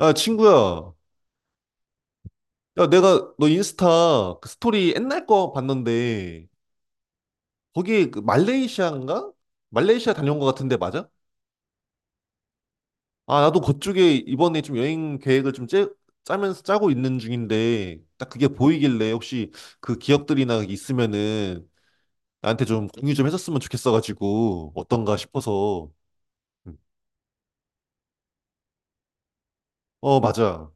야, 친구야. 야, 내가 너 인스타 그 스토리 옛날 거 봤는데, 거기 그 말레이시아인가? 말레이시아 다녀온 거 같은데, 맞아? 아, 나도 그쪽에 이번에 좀 여행 계획을 좀 짜면서 짜고 있는 중인데, 딱 그게 보이길래 혹시 그 기억들이나 있으면은 나한테 좀 공유 좀 해줬으면 좋겠어가지고, 어떤가 싶어서. 음. 어, 맞아.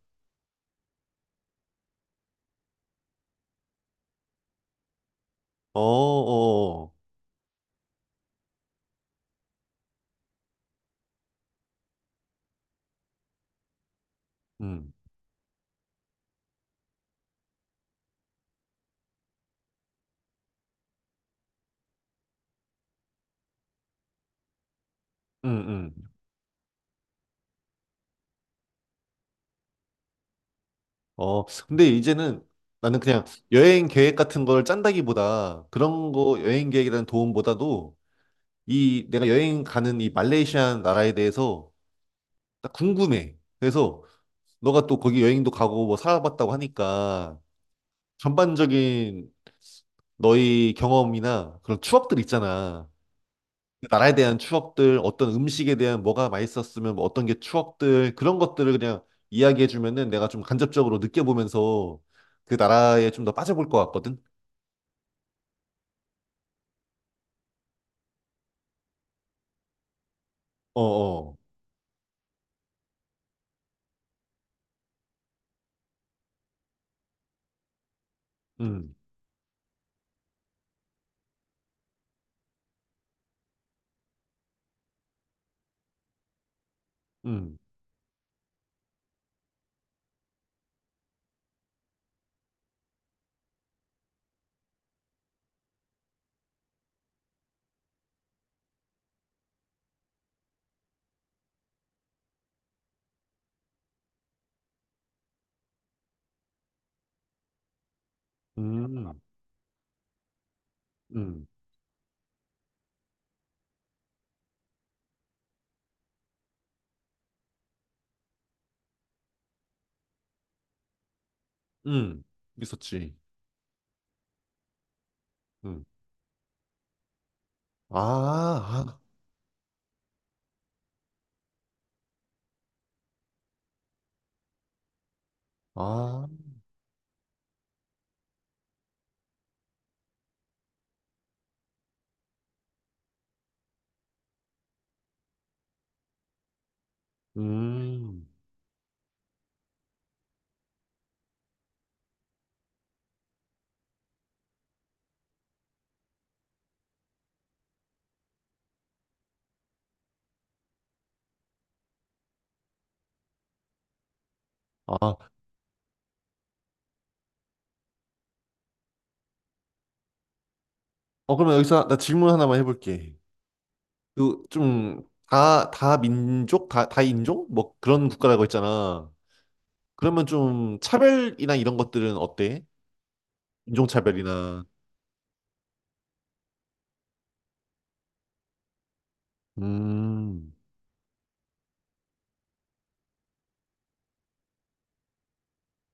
어, 어, 어. 음, 음, 음. 어, 근데 이제는 나는 그냥 여행 계획 같은 걸 짠다기보다 그런 거 여행 계획이라는 도움보다도 이 내가 여행 가는 이 말레이시아 나라에 대해서 딱 궁금해. 그래서 너가 또 거기 여행도 가고 뭐 살아봤다고 하니까 전반적인 너의 경험이나 그런 추억들 있잖아. 나라에 대한 추억들, 어떤 음식에 대한 뭐가 맛있었으면 뭐 어떤 게 추억들, 그런 것들을 그냥 이야기해 주면은 내가 좀 간접적으로 느껴보면서 그 나라에 좀 더 빠져볼 것 같거든? 어어. 음, 음, 음, 음, 음. 있었지. 음. 아, 아, 아, 음. 아, 어, 그러면 여기서 나 질문 하나만 해볼게. 그, 좀, 다 민족, 다 인종? 뭐 그런 국가라고 했잖아. 그러면 좀 차별이나 이런 것들은 어때? 인종차별이나. 음,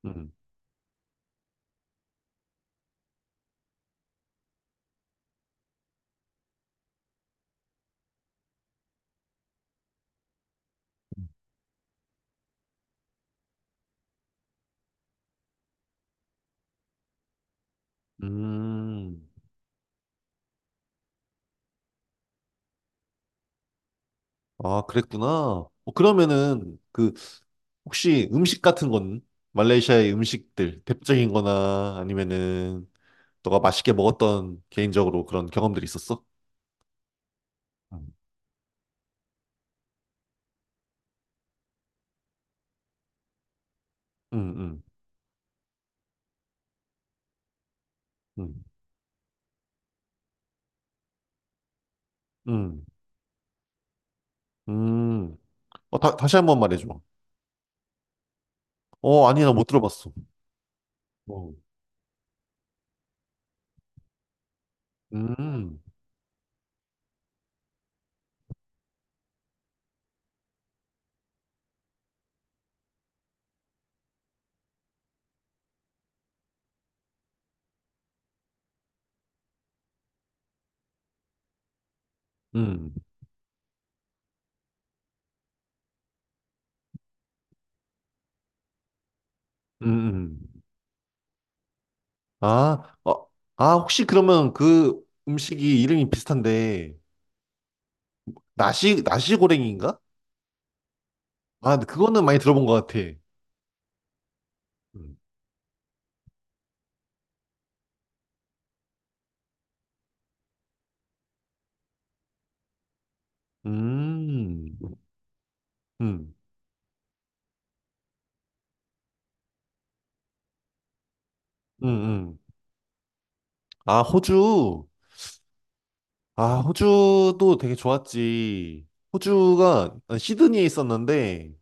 음, 음. 아, 그랬구나. 어, 그러면은 그 혹시 음식 같은 건 말레이시아의 음식들 대표적인 거나 아니면은 너가 맛있게 먹었던 개인적으로 그런 경험들이 있었어? 음, 음, 음, 음, 음. 음. 어, 다시 한 번 말해줘. 어, 아니, 나 못 들어봤어. 어. 음, 음, 음, 음. 아, 어, 아, 혹시 그러면 그 음식이 이름이 비슷한데, 나시, 나시고랭인가? 아, 근데 그거는 많이 들어본 것 같아. 음, 음, 음, 음. 아, 호주. 아, 호주도 되게 좋았지. 호주가 난 시드니에 있었는데,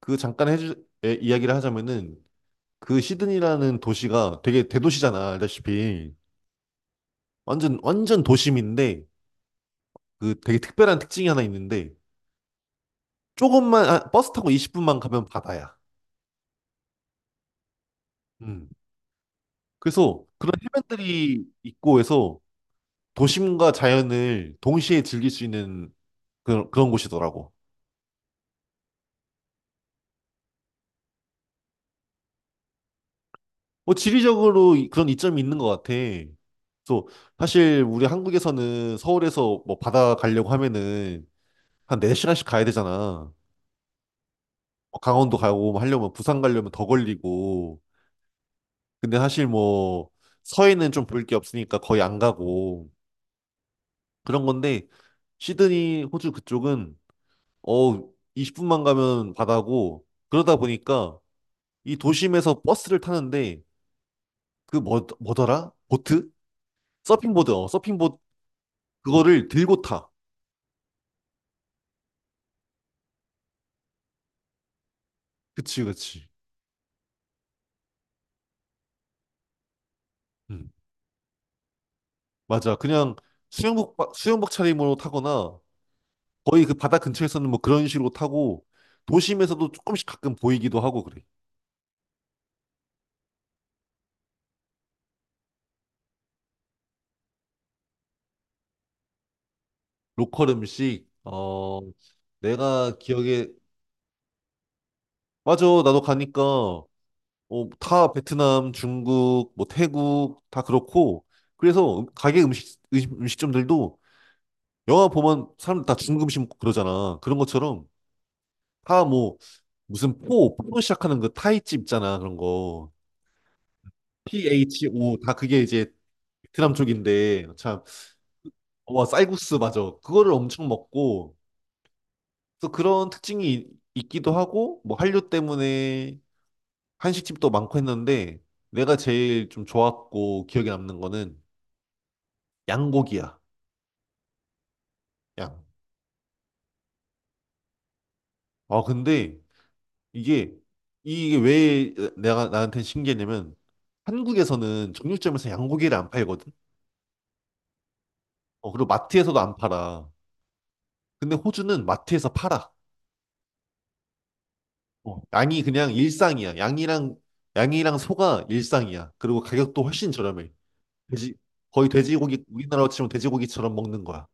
그 잠깐 해주, 이야기를 하자면은, 그 시드니라는 도시가 되게 대도시잖아, 알다시피. 완전, 완전 도심인데, 그 되게 특별한 특징이 하나 있는데, 조금만 아, 버스 타고 20분만 가면 바다야. 음. 그래서 그런 해변들이 있고 해서 도심과 자연을 동시에 즐길 수 있는 그런, 그런 곳이더라고. 뭐 지리적으로 그런 이점이 있는 것 같아. 그래서 사실 우리 한국에서는 서울에서 뭐 바다 가려고 하면은 한 4시간씩 가야 되잖아. 뭐 강원도 가고 뭐 하려면 부산 가려면 더 걸리고. 근데 사실 뭐 서해는 좀 볼 게 없으니까 거의 안 가고 그런 건데 시드니 호주 그쪽은 어, 20분만 가면 바다고 그러다 보니까 이 도심에서 버스를 타는데 그 뭐, 뭐더라? 보트? 서핑보드, 어, 서핑보드 그거를 들고 타. 그치, 그치. 음, 맞아. 그냥 수영복, 수영복 차림으로 타거나 거의 그 바다 근처에서는 뭐 그런 식으로 타고 도심에서도 조금씩 가끔 보이기도 하고 그래. 로컬 음식, 어, 내가 기억에, 맞아. 나도 가니까 어, 다 베트남, 중국, 뭐 태국 다 그렇고 그래서 가게 음식점들도 영화 보면 사람들 다 중국 음식 먹고 그러잖아. 그런 것처럼 다 뭐 무슨 포, 포로 시작하는 그 타이집 있잖아. 그런 거. PHO 다 그게 이제 베트남 쪽인데 참 와, 쌀국수 맞아. 그거를 엄청 먹고 또 그런 특징이 있기도 하고 뭐 한류 때문에 한식집도 많고 했는데 내가 제일 좀 좋았고 기억에 남는 거는 양고기야. 양. 아, 근데 이게 이게 왜 내가 나한테 신기했냐면 한국에서는 정육점에서 양고기를 안 팔거든. 어, 그리고 마트에서도 안 팔아. 근데 호주는 마트에서 팔아. 어, 양이 그냥 일상이야. 양이랑 소가 일상이야. 그리고 가격도 훨씬 저렴해. 돼지 거의 돼지고기 우리나라로 치면 돼지고기처럼 먹는 거야.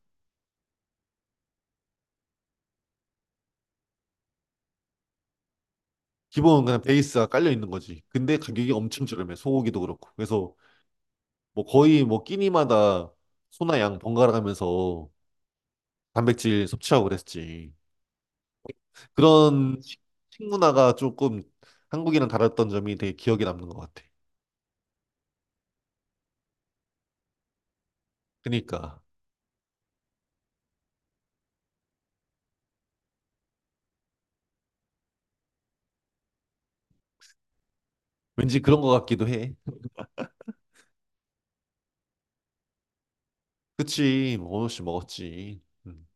기본 그냥 베이스가 깔려 있는 거지. 근데 가격이 엄청 저렴해. 소고기도 그렇고. 그래서 뭐 거의 뭐 끼니마다 소나 양 번갈아 가면서 단백질 섭취하고 그랬지. 그런 식- 식문화가 조금 한국이랑 다랐던 점이 되게 기억에 남는 것 같아. 그니까 왠지 그런 것 같기도 해. 그치, 뭐어느없이 먹었지. 음.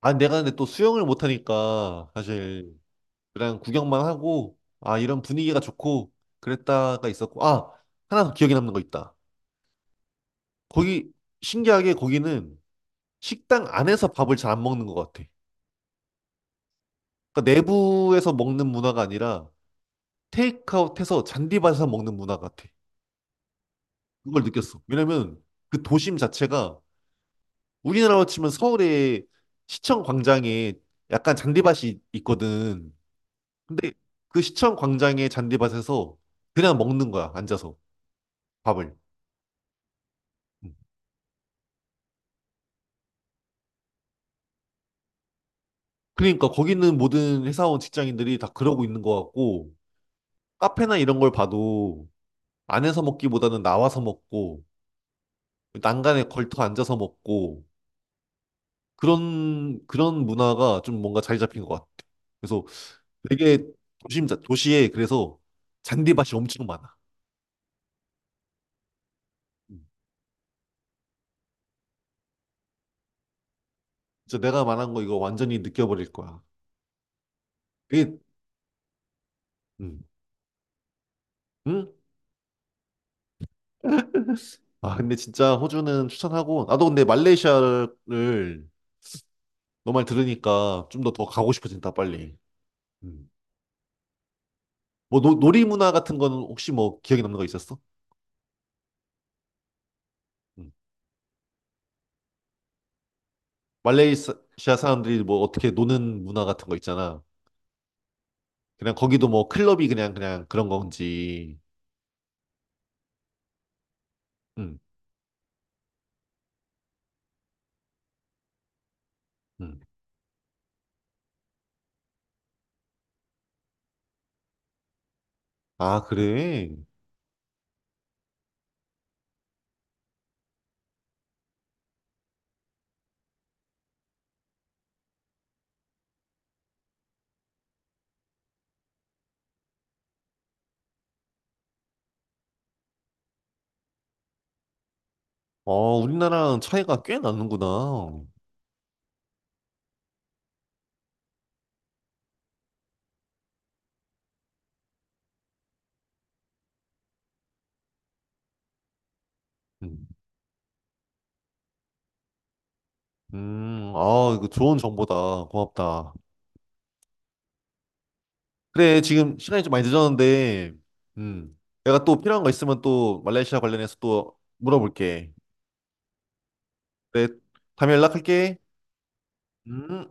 아, 내가 근데 또 수영을 못하니까 사실 그냥 구경만 하고 아 이런 분위기가 좋고 그랬다가 있었고 아 하나 더 기억에 남는 거 있다. 거기 신기하게 거기는 식당 안에서 밥을 잘 안 먹는 것 같아. 그러니까 내부에서 먹는 문화가 아니라 테이크아웃해서 잔디밭에서 먹는 문화 같아. 그걸 느꼈어. 왜냐면 그 도심 자체가 우리나라로 치면 서울의 시청 광장에 약간 잔디밭이 있거든. 근데 그 시청 광장의 잔디밭에서 그냥 먹는 거야, 앉아서 밥을. 음. 그러니까 거기 있는 모든 회사원 직장인들이 다 그러고 있는 것 같고, 카페나 이런 걸 봐도 안에서 먹기보다는 나와서 먹고, 난간에 걸터 앉아서 먹고, 그런, 그런 문화가 좀 뭔가 자리 잡힌 것 같아. 그래서 되게 도심, 도시에 그래서 잔디밭이 엄청 많아. 음. 진짜 내가 말한 거 이거 완전히 느껴버릴 거야. 그게, 음. 응? 아, 근데 진짜 호주는 추천하고, 나도 근데 말레이시아를 너 말 들으니까 좀 더 더 가고 싶어진다, 빨리. 음. 뭐, 놀이 문화 같은 거는 혹시 뭐 기억에 남는 거 있었어? 음. 말레이시아 사람들이 뭐 어떻게 노는 문화 같은 거 있잖아. 그냥 거기도 뭐 클럽이 그냥, 그냥 그런 건지. 음. 음. 아, 그래? 어, 우리나라랑 차이가 꽤 나는구나. 음, 아, 이거 좋은 정보다. 고맙다. 그래, 지금 시간이 좀 많이 늦었는데, 음, 내가 또 필요한 거 있으면 또 말레이시아 관련해서 또 물어볼게. 그래, 다음에 연락할게. 음.